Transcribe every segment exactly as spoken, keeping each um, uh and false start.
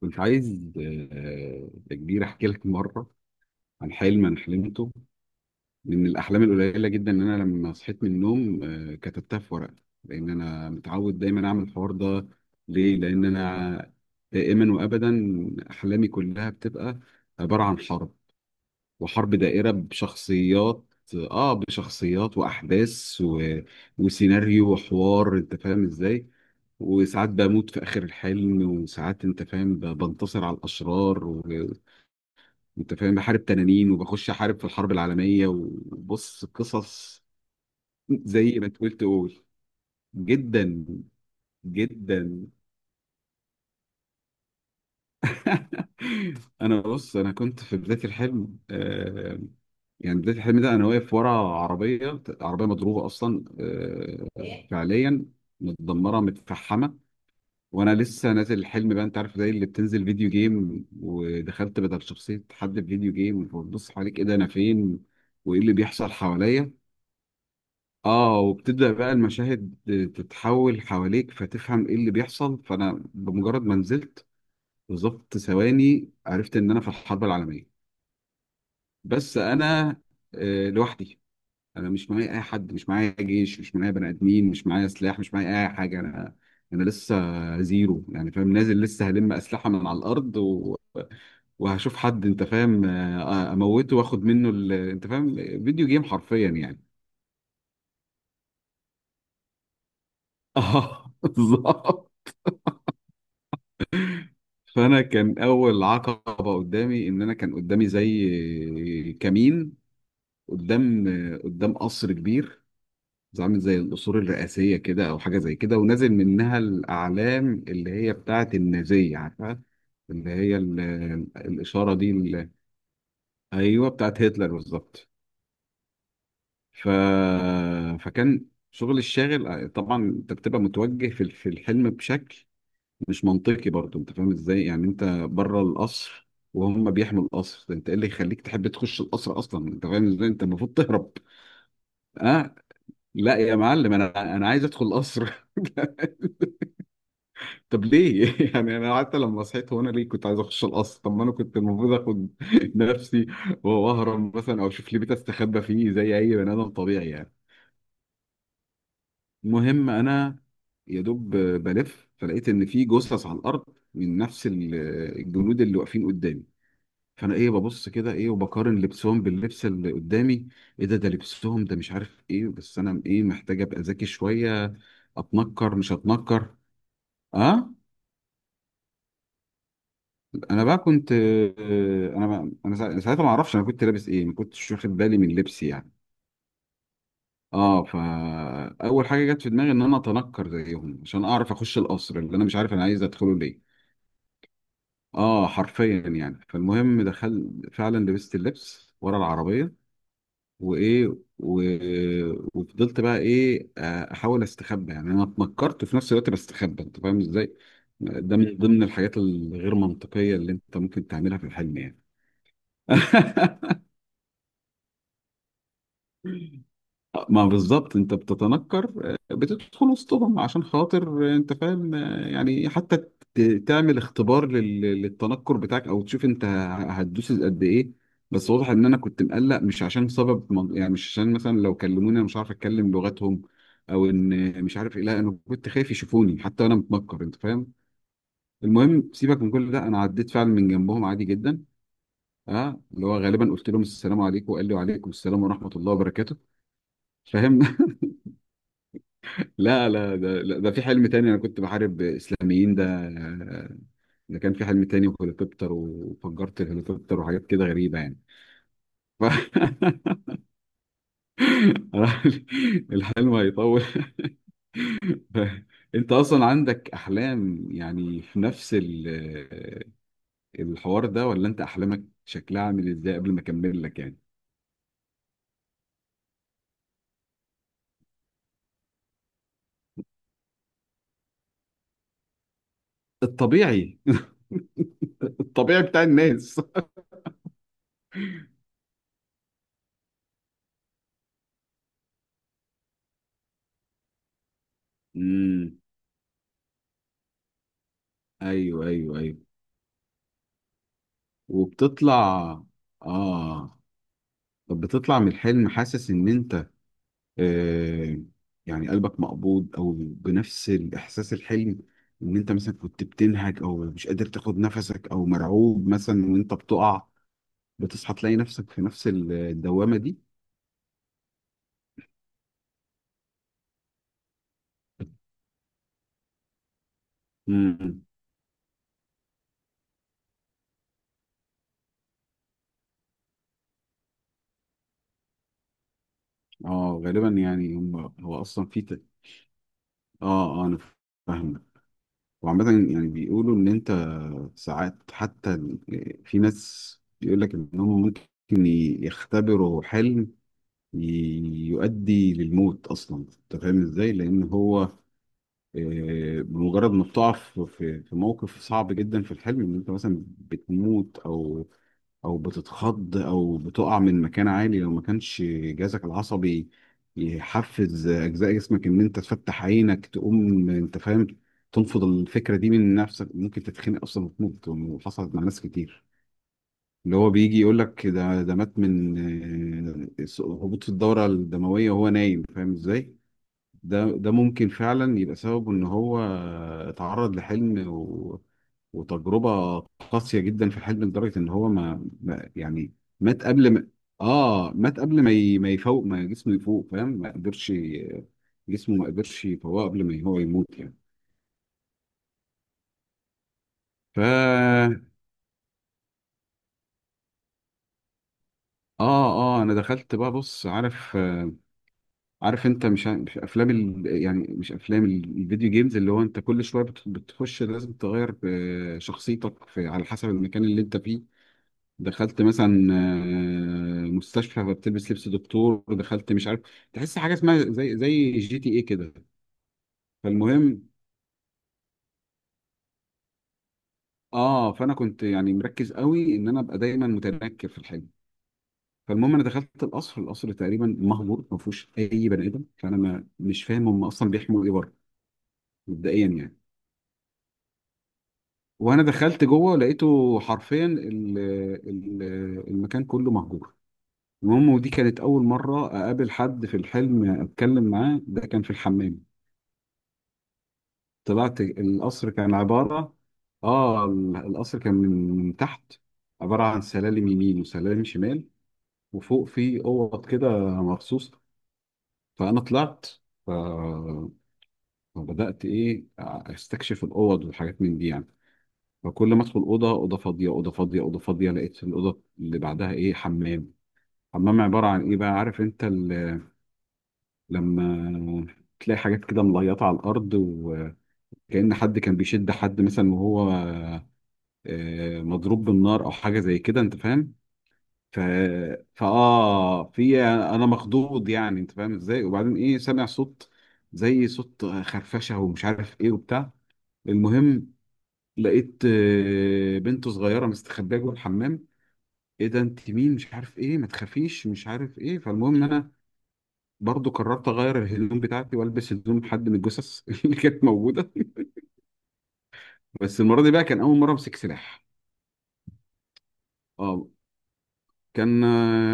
كنت عايز آه، يا كبير احكي لك مره عن حلم انا حلمته من الاحلام القليله جدا ان انا لما صحيت من النوم آه، كتبتها في ورقه لان انا متعود دايما اعمل الحوار ده ليه لان انا دائما وابدا احلامي كلها بتبقى عباره عن حرب وحرب دائرة بشخصيات اه بشخصيات واحداث و... وسيناريو وحوار، انت فاهم ازاي؟ وساعات بموت في اخر الحلم، وساعات انت فاهم ب... بنتصر على الاشرار و... وانت فاهم بحارب تنانين وبخش احارب في الحرب العالمية وبص قصص زي ما تقول تقول. جدا جدا. انا بص، انا كنت في بدايه الحلم، آه يعني بدايه الحلم ده انا واقف ورا عربيه، عربيه مضروبه اصلا، آه فعليا متدمره متفحمه. وانا لسه نازل الحلم بقى، انت عارف زي اللي بتنزل فيديو جيم ودخلت بدل شخصيه حد في فيديو جيم وبتبص حواليك ايه ده انا فين وايه اللي بيحصل حواليا. اه وبتبدا بقى المشاهد تتحول حواليك فتفهم ايه اللي بيحصل. فانا بمجرد ما نزلت بالظبط ثواني عرفت ان انا في الحرب العالميه. بس انا آه، لوحدي. انا مش معايا اي حد، مش معايا جيش، مش معايا بني ادمين، مش معايا سلاح، مش معايا اي حاجه. انا انا لسه زيرو يعني، فاهم، نازل لسه هلم اسلحه من على الارض و... وهشوف حد انت فاهم، آه، آه، اموته واخد منه ال... انت فاهم، فيديو جيم حرفيا يعني. اه بالظبط. فانا كان اول عقبه قدامي ان انا كان قدامي زي كمين، قدام قدام قصر كبير، زي- عامل زي القصور الرئاسية كده أو حاجة زي كده، ونازل منها الأعلام اللي هي بتاعة النازية، عارفها؟ اللي هي ال- الإشارة دي ال- أيوه بتاعة هتلر بالظبط. ف... فكان شغل الشاغل، آه، طبعا أنت بتبقى متوجه في في الحلم بشكل مش منطقي برضه، أنت فاهم إزاي؟ يعني أنت بره القصر وهم بيحموا القصر، أنت إيه اللي يخليك تحب تخش القصر أصلا؟ أنت فاهم إزاي؟ أنت المفروض تهرب. أه لا يا معلم، أنا أنا عايز أدخل القصر. طب ليه؟ يعني انا حتى لما صحيت هو انا ليه كنت عايز اخش القصر؟ طب ما انا كنت المفروض اخد نفسي واهرب مثلا، او اشوف لي بيت استخبى فيه زي اي بني ادم طبيعي يعني. المهم انا يا دوب بلف فلقيت ان في جثث على الارض من نفس ال- آه، الجنود اللي واقفين قدامي. فانا ايه، ببص كده ايه وبقارن لبسهم باللبس اللي قدامي، ايه ده؟ ده لبسهم ده مش عارف ايه، بس انا ايه محتاج ابقى ذكي شويه، اتنكر مش هتنكر. اه. انا بقى كنت انا بقى انا سا- ساعتها ما اعرفش انا كنت لابس ايه، ما كنتش واخد بالي من لبسي يعني. اه فاول حاجه جت في دماغي ان انا اتنكر زيهم عشان اعرف اخش القصر، اللي انا مش عارف انا عايز ادخله ليه. اه حرفيا يعني. فالمهم دخل فعلا، لبست اللبس ورا العربيه وايه و... وفضلت بقى ايه آه، احاول استخبى، يعني انا اتنكرت وفي نفس الوقت بستخبى، انت فاهم ازاي؟ ده من ضمن الحاجات الغير منطقيه اللي انت ممكن تعملها في الحلم يعني. ما بالظبط، انت بتتنكر آه، بتدخل وسطهم عشان خاطر آه، انت فاهم آه، يعني، حتى ت- تعمل اختبار لل- للتنكر بتاعك، او تشوف انت ه- هتدوس قد ايه. بس واضح ان انا كنت مقلق مش عشان سبب من- يعني مش عشان مثلا لو كلموني انا مش عارف اتكلم لغتهم، او ان مش عارف ايه، لا انا كنت خايف يشوفوني حتى انا متنكر، انت فاهم. المهم سيبك من كل ده، انا عديت فعلا من جنبهم عادي جدا. اه اللي هو غالبا قلت لهم السلام عليكم، وقال لي وعليكم السلام ورحمه الله وبركاته. فاهم. لا لا، ده لا، ده في حلم تاني انا كنت بحارب اسلاميين، ده ده كان في حلم تاني، وهليكوبتر وفجرت الهليكوبتر وحاجات كده غريبة يعني. ف... الحلم هيطول. انت اصلا عندك احلام يعني في نفس ال- الحوار ده، ولا انت احلامك شكلها عامل ازاي قبل ما اكمل لك يعني؟ الطبيعي. الطبيعي بتاع الناس. امم. ايوه ايوه ايوه. وبتطلع. اه. طب بتطلع من الحلم حاسس ان آه، يعني قلبك مقبوض، او بنفس الاحساس الحلم، ان انت مثلا كنت بتنهج او مش قادر تاخد نفسك او مرعوب مثلا وانت بتقع، بتصحى تلاقي نفسك في نفس الدوامة دي؟ امم. اه غالبا يعني هم هو اصلا في ت... اه اه انا فاهم. وعامة يعني بيقولوا ان انت ساعات حتى، في ناس بيقول لك انهم ممكن يختبروا حلم ي- يؤدي للموت اصلا، انت فاهم ازاي؟ لان هو آه، بمجرد ما بتقع في في في موقف صعب جدا في الحلم، ان انت مثلا بتموت، او او بتتخض، او بتقع من مكان عالي، لو ما كانش جهازك العصبي يحفز اجزاء جسمك ان انت تفتح عينك تقوم، انت فاهم، تنفض الفكره دي من نفسك، ممكن تتخنق اصلا وتموت. وحصلت مع ناس كتير، اللي هو بيجي يقول لك ده ده مات من آه، هبوط في الدورة الدموية وهو نايم، فاهم ازاي؟ ده ده ممكن فعلا يبقى سببه ان هو اتعرض لحلم و... وتجربة قاسية جدا في الحلم، لدرجة ان هو ما, ما يعني مات قبل ما، اه مات قبل ما ي... ما يفوق، ما جسمه يفوق، فاهم؟ ما قدرش ي- جسمه ما قدرش يفوقه قبل ما هو يموت يعني. ف اه اه انا دخلت بقى، بص عارف، عارف انت مش ع- مش افلام ال... يعني مش افلام ال- الفيديو جيمز، اللي هو انت كل شويه بت- بتخش لازم تغير آه، شخصيتك في... على حسب المكان اللي انت فيه. دخلت مثلا آه، مستشفى فبتلبس لبس دكتور، دخلت مش عارف، تحس حاجه اسمها زي زي جي تي ايه كده. فالمهم اه فانا كنت يعني مركز قوي ان انا ابقى دايما متنكر في الحاجه. فالمهم انا دخلت القصر، القصر تقريبا مهجور ما فيهوش اي بني ادم، فانا ما مش فاهم هم اصلا بيحموا ايه بره. مبدئيا يعني. وانا دخلت جوه لقيته حرفيا ال- ال- المكان كله مهجور. المهم ودي كانت اول مره اقابل حد في الحلم اتكلم معاه، ده كان في الحمام. طلعت القصر كان عباره، اه ال- القصر كان من من تحت عباره عن سلالم يمين وسلالم شمال، وفوق في اوض كده مخصوص. فانا طلعت ف- فبدات ايه استكشف الاوض والحاجات من دي يعني. فكل ما ادخل اوضه، اوضه فاضيه، اوضه فاضيه، اوضه فاضيه، لقيت الاوضه اللي بعدها ايه حمام. حمام عباره عن ايه بقى، عارف انت ال- لما تلاقي حاجات كده مليطه على الارض، وكأن حد كان بيشد حد مثلا وهو آه، مضروب بالنار او حاجه زي كده، انت فاهم. ف... فاه، في انا مخضوض يعني انت فاهم ازاي، وبعدين ايه سامع صوت زي صوت خرفشه ومش عارف ايه وبتاع. المهم لقيت آه، بنت صغيره مستخبيه جوه الحمام، ايه ده انت مين مش عارف ايه، ما تخافيش مش عارف ايه. فالمهم إن انا برضو قررت اغير الهدوم بتاعتي والبس هدوم حد من الجثث اللي كانت موجوده. بس المره دي بقى كان اول مره امسك سلاح. اه كان،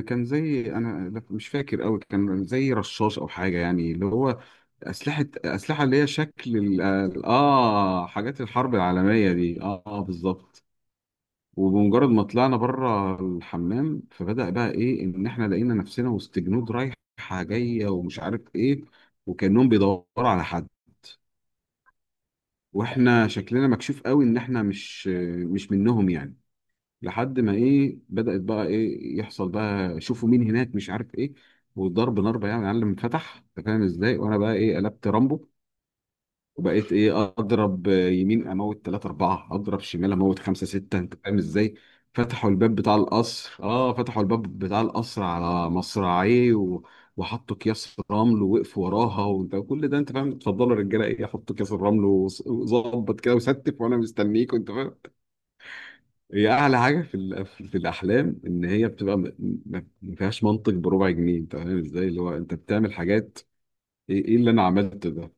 كان زي انا لا، مش فاكر قوي، كان زي رشاش او حاجه يعني، اللي هو اسلحه اسلحه اللي هي شكل ال- اه حاجات الحرب العالميه دي، اه, آه بالظبط. وبمجرد ما طلعنا بره الحمام، فبدأ بقى ايه ان احنا لقينا نفسنا وسط جنود رايحه جايه ومش عارف ايه، وكأنهم بيدوروا على حد. واحنا شكلنا مكشوف قوي ان احنا مش مش منهم يعني. لحد ما ايه بدأت بقى ايه يحصل بقى، شوفوا مين هناك مش عارف ايه، وضرب نار بقى يعني يا معلم، فتح انت فاهم ازاي، وانا بقى ايه قلبت رامبو. وبقيت ايه اضرب يمين اموت تلاته اربعه، اضرب شمال اموت خمسه سته، انت فاهم ازاي. فتحوا الباب بتاع القصر، اه فتحوا الباب بتاع القصر على مصراعيه و... وحطوا اكياس رمل ووقفوا وراها، وانت كل ده انت فاهم، اتفضلوا يا رجاله ايه، حطوا اكياس الرمل وص- وظبط كده وستف وانا مستنيك، وانت فاهم. هي اعلى حاجه في ال... في الاحلام ان هي بتبقى م... م... ما فيهاش منطق بربع جنيه، انت فاهم ازاي، اللي هو انت بتعمل حاجات ايه، إيه اللي انا عملته ده.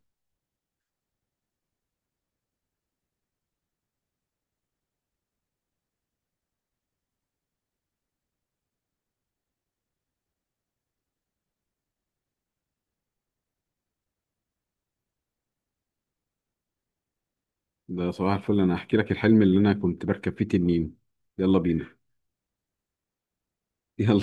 ده صباح الفل، انا هحكي لك الحلم اللي انا كنت بركب فيه تنين. يلا بينا. يلا.